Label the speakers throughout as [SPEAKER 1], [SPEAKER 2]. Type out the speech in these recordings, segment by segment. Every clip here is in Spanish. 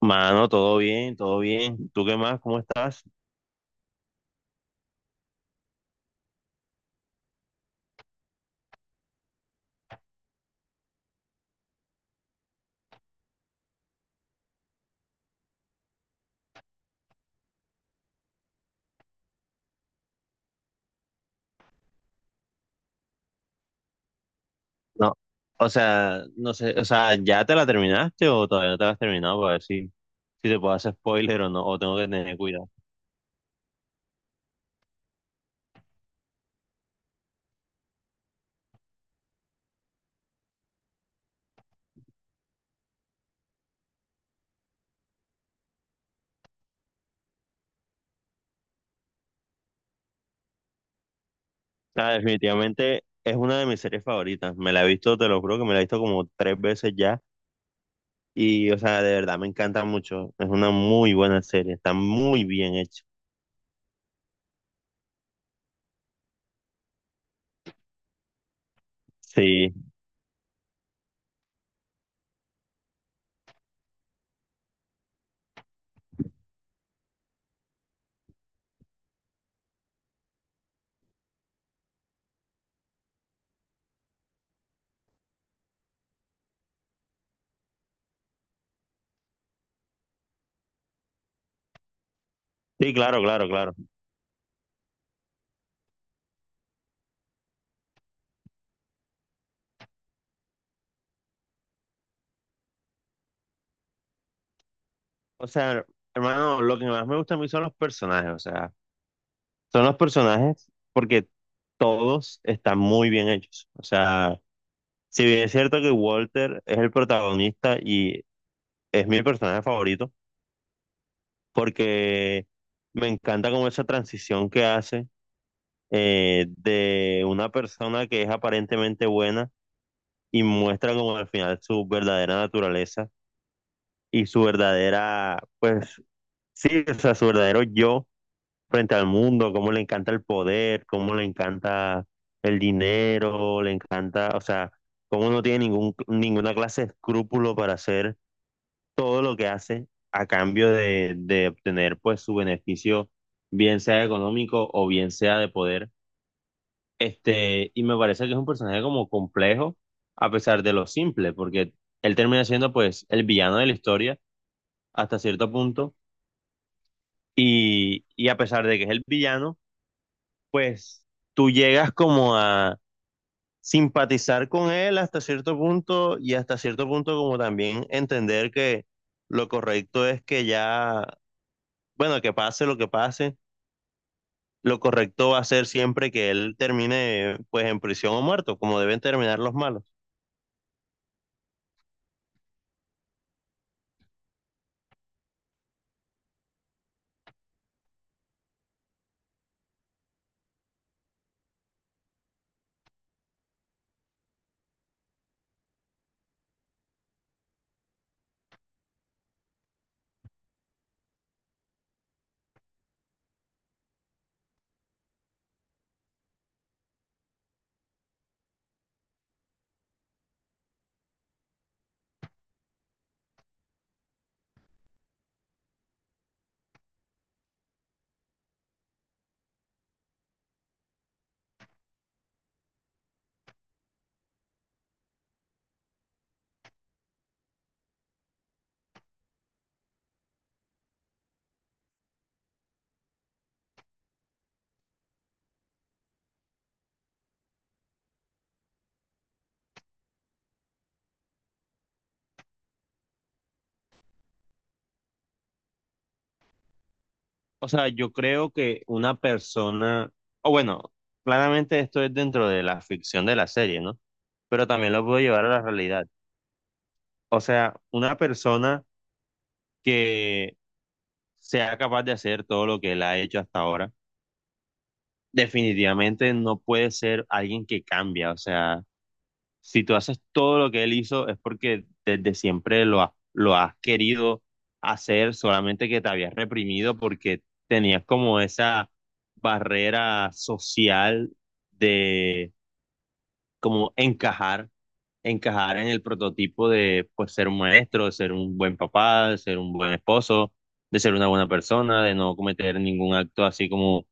[SPEAKER 1] Mano, todo bien, todo bien. ¿Tú qué más? ¿Cómo estás? No, o sea, no sé, o sea, ¿ya te la terminaste o todavía no te la has terminado para ver si te puedo hacer spoiler o no, o tengo que tener cuidado? Ah, definitivamente es una de mis series favoritas. Me la he visto, te lo juro que me la he visto como tres veces ya y, o sea, de verdad me encanta mucho. Es una muy buena serie, está muy bien hecha. Sí, sí, claro, claro, claro. O sea, hermano, lo que más me gusta a mí son los personajes, o sea. Son los personajes porque todos están muy bien hechos. O sea, si bien es cierto que Walter es el protagonista y es mi personaje favorito, porque me encanta como esa transición que hace de una persona que es aparentemente buena y muestra como al final su verdadera naturaleza y su verdadera, pues sí, o sea, su verdadero yo frente al mundo, cómo le encanta el poder, cómo le encanta el dinero, le encanta, o sea, cómo no tiene ningún, ninguna clase de escrúpulo para hacer todo lo que hace a cambio de obtener pues su beneficio, bien sea económico o bien sea de poder. Y me parece que es un personaje como complejo, a pesar de lo simple, porque él termina siendo pues el villano de la historia hasta cierto punto, y a pesar de que es el villano, pues tú llegas como a simpatizar con él hasta cierto punto y hasta cierto punto como también entender que lo correcto es que ya, bueno, que pase, lo correcto va a ser siempre que él termine pues en prisión o muerto, como deben terminar los malos. O sea, yo creo que una persona, o bueno, claramente esto es dentro de la ficción de la serie, ¿no? Pero también lo puedo llevar a la realidad. O sea, una persona que sea capaz de hacer todo lo que él ha hecho hasta ahora, definitivamente no puede ser alguien que cambia. O sea, si tú haces todo lo que él hizo es porque desde siempre lo has querido hacer, solamente que te habías reprimido porque tenías como esa barrera social de como encajar en el prototipo de pues ser un maestro, de ser un buen papá, de ser un buen esposo, de ser una buena persona, de no cometer ningún acto así como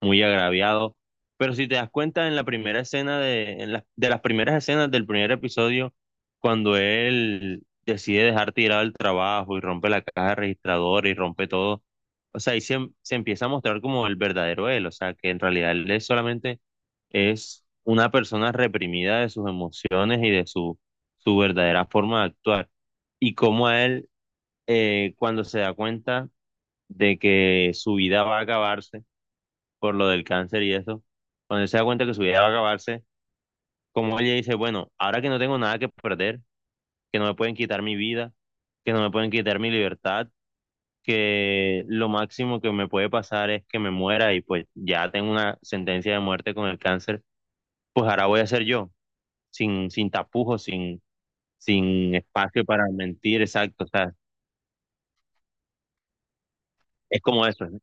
[SPEAKER 1] muy agraviado. Pero si te das cuenta en la primera escena en las de las primeras escenas del primer episodio, cuando él decide dejar tirado el trabajo y rompe la caja registradora y rompe todo, o sea, ahí se empieza a mostrar como el verdadero él, o sea, que en realidad él es solamente es una persona reprimida de sus emociones y de su verdadera forma de actuar. Y cómo a él, cuando se da cuenta de que su vida va a acabarse por lo del cáncer y eso, cuando él se da cuenta que su vida va a acabarse, como ella dice, bueno, ahora que no tengo nada que perder, que no me pueden quitar mi vida, que no me pueden quitar mi libertad, que lo máximo que me puede pasar es que me muera y pues ya tengo una sentencia de muerte con el cáncer, pues ahora voy a ser yo sin tapujos, sin espacio para mentir, exacto, o sea, es como eso, ¿no?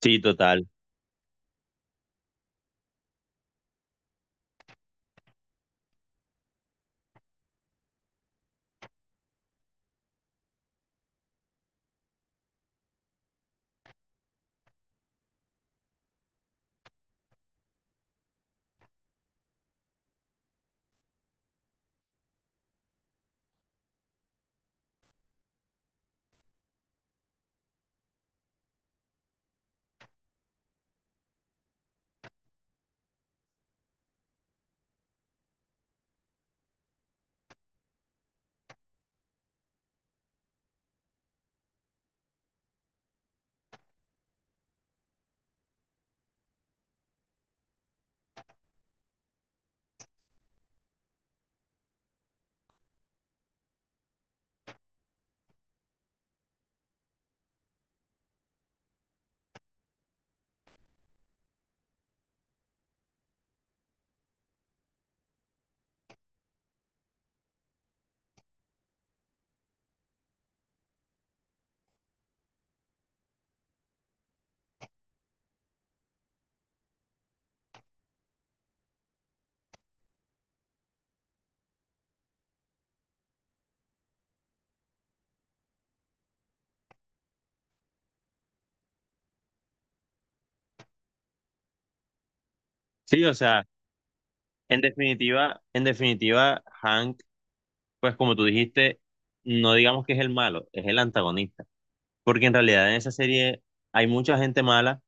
[SPEAKER 1] Sí, total. Sí, o sea, en definitiva, Hank, pues como tú dijiste, no digamos que es el malo, es el antagonista, porque en realidad en esa serie hay mucha gente mala,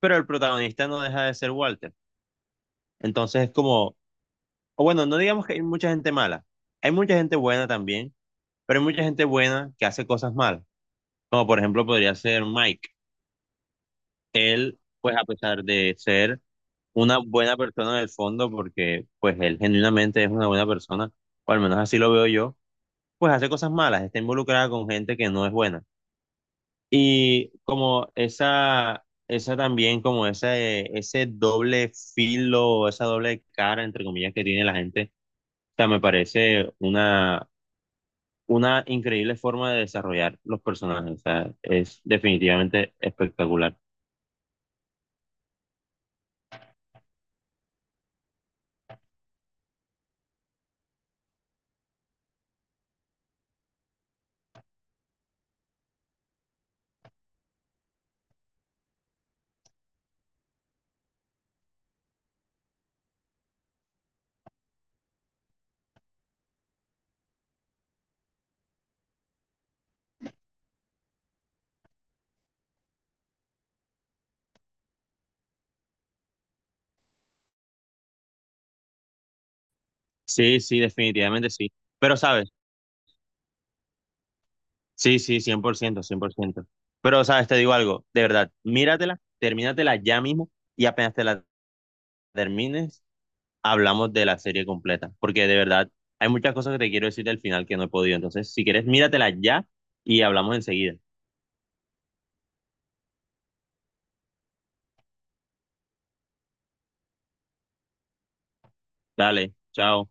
[SPEAKER 1] pero el protagonista no deja de ser Walter. Entonces es como, o bueno, no digamos que hay mucha gente mala, hay mucha gente buena también, pero hay mucha gente buena que hace cosas malas, como por ejemplo podría ser Mike. Él, pues a pesar de ser una buena persona en el fondo, porque pues él genuinamente es una buena persona, o al menos así lo veo yo, pues hace cosas malas, está involucrada con gente que no es buena. Y como esa también, como ese doble filo, esa doble cara, entre comillas, que tiene la gente, o sea, me parece una increíble forma de desarrollar los personajes, o sea, es definitivamente espectacular. Sí, sí, definitivamente sí. Pero, ¿sabes? Sí, sí, cien por ciento. Pero, sabes, te digo algo, de verdad, míratela, termínatela ya mismo y apenas te la termines, hablamos de la serie completa, porque de verdad hay muchas cosas que te quiero decir del final que no he podido. Entonces, si quieres, míratela ya y hablamos enseguida. Dale, chao.